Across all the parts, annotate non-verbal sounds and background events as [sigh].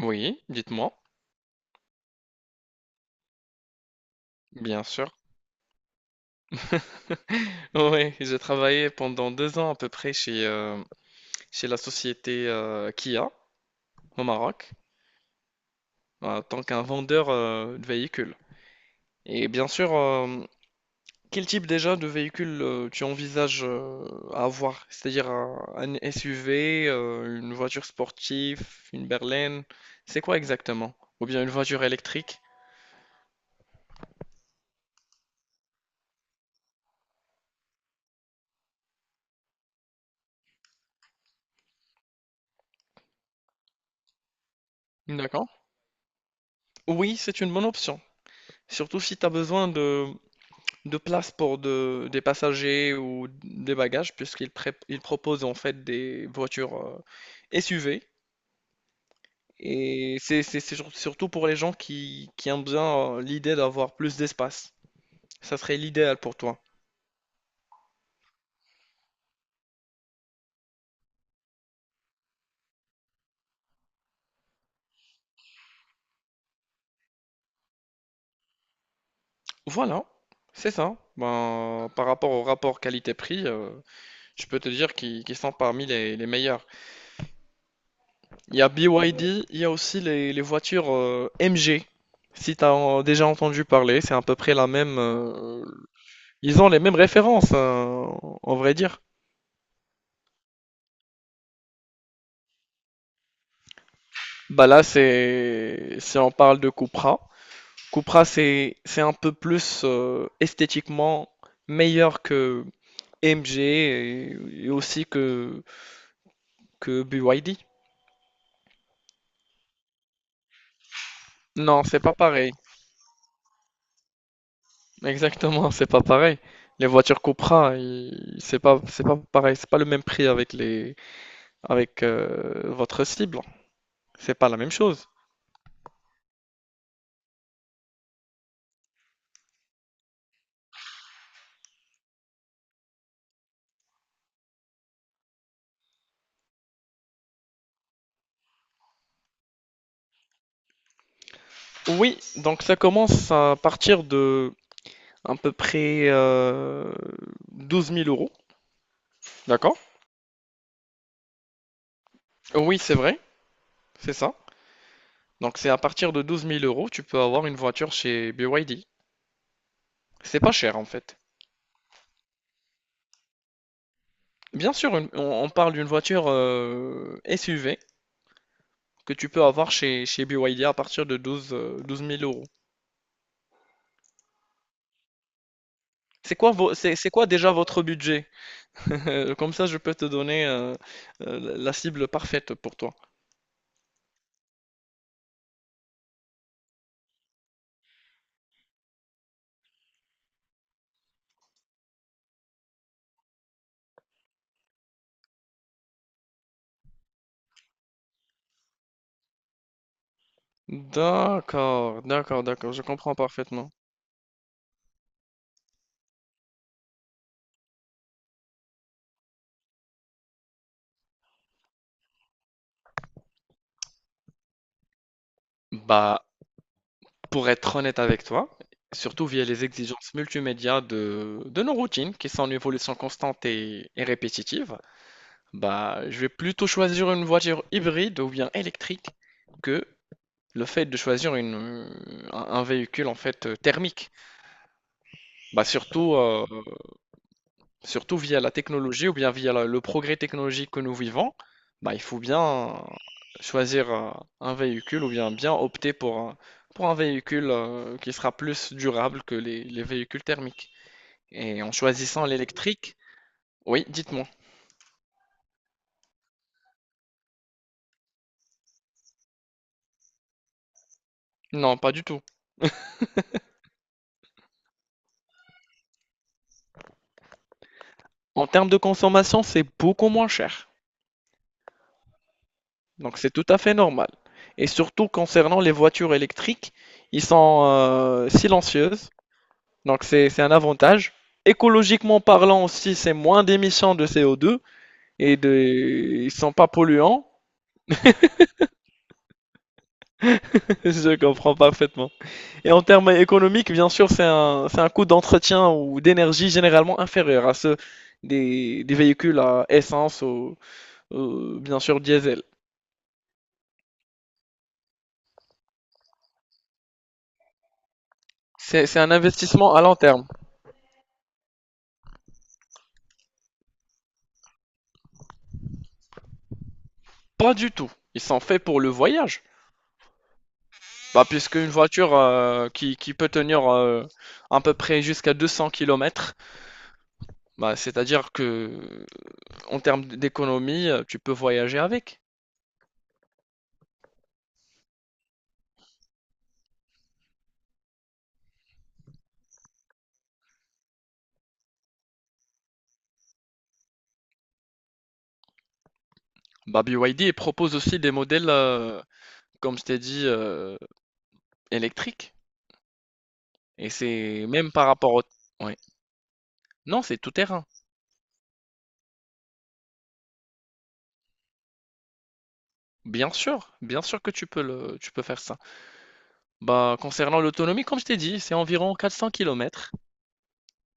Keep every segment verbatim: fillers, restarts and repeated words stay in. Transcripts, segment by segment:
Oui, dites-moi. Bien sûr. [laughs] Oui, j'ai travaillé pendant deux ans à peu près chez, euh, chez la société euh, Kia au Maroc en tant qu'un vendeur euh, de véhicules. Et bien sûr, euh, quel type déjà de véhicule euh, tu envisages euh, à avoir? C'est-à-dire un, un S U V, euh, une voiture sportive, une berline, c'est quoi exactement? Ou bien une voiture électrique? D'accord. Oui, c'est une bonne option. Surtout si tu as besoin de, de place pour de- des passagers ou des bagages, puisqu'ils pré- ils proposent en fait des voitures euh, S U V. Et c'est c'est- c'est sur- surtout pour les gens qui, qui aiment bien euh, l'idée d'avoir plus d'espace. Ça serait l'idéal pour toi. Voilà, c'est ça. Ben, par rapport au rapport qualité-prix, euh, je peux te dire qu'ils qu'ils sont parmi les, les meilleurs. Il y a B Y D, il y a aussi les, les voitures euh, M G. Si tu as déjà entendu parler, c'est à peu près la même, euh, Ils ont les mêmes références, hein, en vrai dire. Bah là, c'est si on parle de Cupra. Cupra, c'est c'est un peu plus euh, esthétiquement meilleur que M G et, et aussi que, que B Y D. Non, c'est pas pareil. Exactement, c'est pas pareil. Les voitures Cupra, ils- c'est pas c'est pas pareil, c'est pas le même prix avec les avec euh, votre cible. C'est pas la même chose. Oui, donc ça commence à partir de à peu près euh, douze mille euros. D'accord? Oui, c'est vrai, c'est ça. Donc c'est à partir de douze mille euros, tu peux avoir une voiture chez B Y D. C'est pas cher en fait. Bien sûr, une- on, on parle d'une voiture euh, S U V que tu peux avoir chez, chez B Y D à partir de douze euh, douze mille euros. C'est quoi, vo- c'est, c'est quoi déjà votre budget? [laughs] Comme ça, je peux te donner euh, euh, la la cible parfaite pour toi. D'accord, d'accord, d'accord, je comprends parfaitement. Bah, pour être honnête avec toi, Surtout via les exigences multimédia de, de nos routines qui sont en évolution constante et, et répétitive, bah, je vais plutôt choisir une voiture hybride ou bien électrique que le fait de choisir une, un un véhicule en fait euh, thermique. Bah, surtout euh, surtout via la technologie ou bien via la- le progrès technologique que nous vivons, bah, il faut bien choisir euh, un véhicule ou bien bien opter pour un, pour un véhicule euh, qui sera plus durable que les, les véhicules thermiques. Et en choisissant l'électrique, oui, dites-moi. Non, pas du tout. En termes de consommation, c'est beaucoup moins cher. Donc c'est tout à fait normal. Et surtout concernant les voitures électriques, ils sont euh, silencieuses. Donc c'est c'est un avantage. Écologiquement parlant aussi, c'est moins d'émissions de C O deux et de... Ils sont pas polluants. [laughs] Je comprends parfaitement. Et en termes économiques, bien sûr, c'est un, c'est un coût d'entretien ou d'énergie généralement inférieur à ceux des, des véhicules à essence ou, ou bien sûr diesel. C'est, c'est un investissement à long terme. Pas du tout. Ils sont faits pour le voyage. Bah, puisque une voiture euh, qui, qui peut tenir euh, à peu près jusqu'à deux cents kilomètres bah, c'est-à-dire que en termes d'économie, euh, tu peux voyager avec. Bah, B Y D propose aussi des modèles, euh, comme je t'ai dit, euh, électriques. Et c'est même par rapport au. Ouais. Non, c'est tout terrain. Bien sûr, bien sûr que tu peux le, tu peux faire ça. Bah, concernant l'autonomie, comme je t'ai dit, c'est environ quatre cents kilomètres.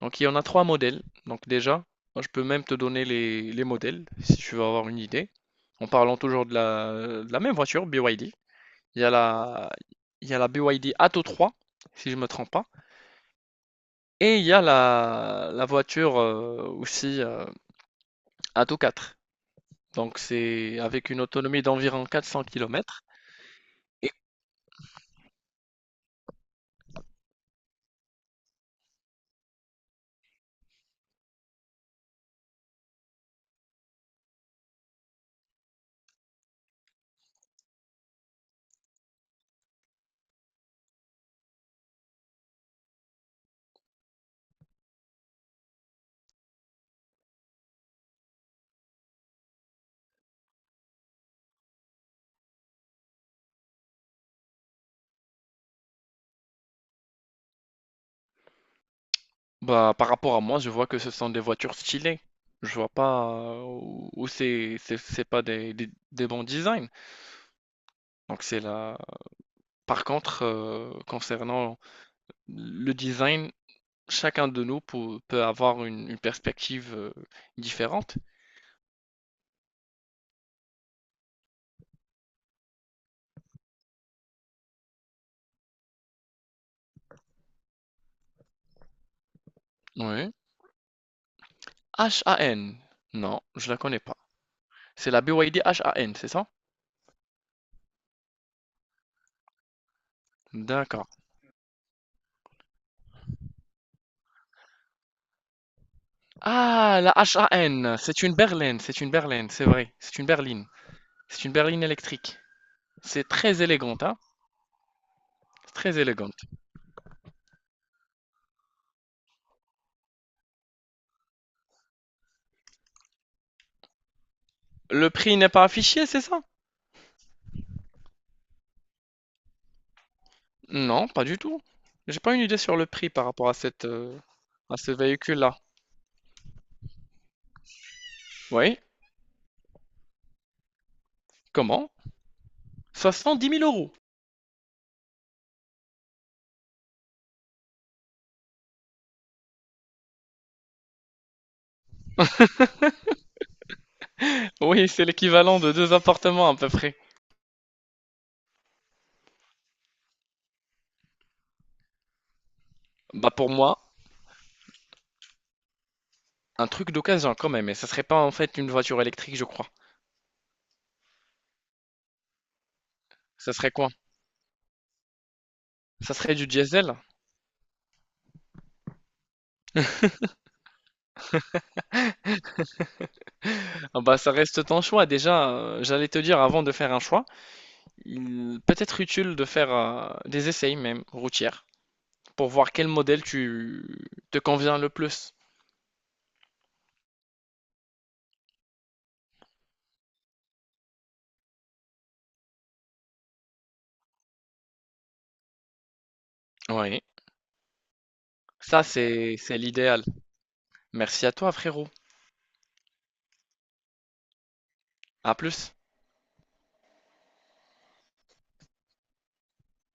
Donc il y en a trois modèles. Donc déjà, moi, je peux même te donner les, les modèles, si tu veux avoir une idée. En parlant toujours de la, de la même voiture, B Y D. Il y a la, il y a la B Y D Atto trois, si je ne me trompe pas. Et il y a la, la voiture euh, aussi euh, à tout quatre. Donc c'est avec une autonomie d'environ quatre cents kilomètres. Et bah, par rapport à moi, je vois que ce sont des voitures stylées. Je vois pas euh, où où c'est c'est c'est pas des, des- des bons designs. Donc c'est là. Par contre, euh, concernant le design, chacun de nous peut, peut avoir une, une perspective euh, différente. Oui. H A N. Non, je la connais pas. C'est la B Y D N, c'est ça? D'accord. Ah, la H A N, c'est une berline, c'est une berline, c'est vrai, c'est une berline, c'est une berline électrique. C'est très élégante, hein, c'est très élégante. Le prix n'est pas affiché, c'est ça? Non, pas du tout. J'ai pas une idée sur le prix par rapport à cette, euh, à ce véhicule-là. Oui, comment? soixante-dix mille euros. Oui, c'est l'équivalent de deux appartements à peu près. Bah pour moi, un truc d'occasion quand même, et ça serait pas en fait une voiture électrique, je crois. Ça serait quoi? Ça serait du diesel? Ah bah ça reste ton choix. Déjà, euh, j'allais te dire avant de faire un choix. Il peut être utile de faire euh, des essais même routières pour voir quel modèle tu te convient le plus. Oui, ça c'est c'est l'idéal. Merci à toi frérot. À plus.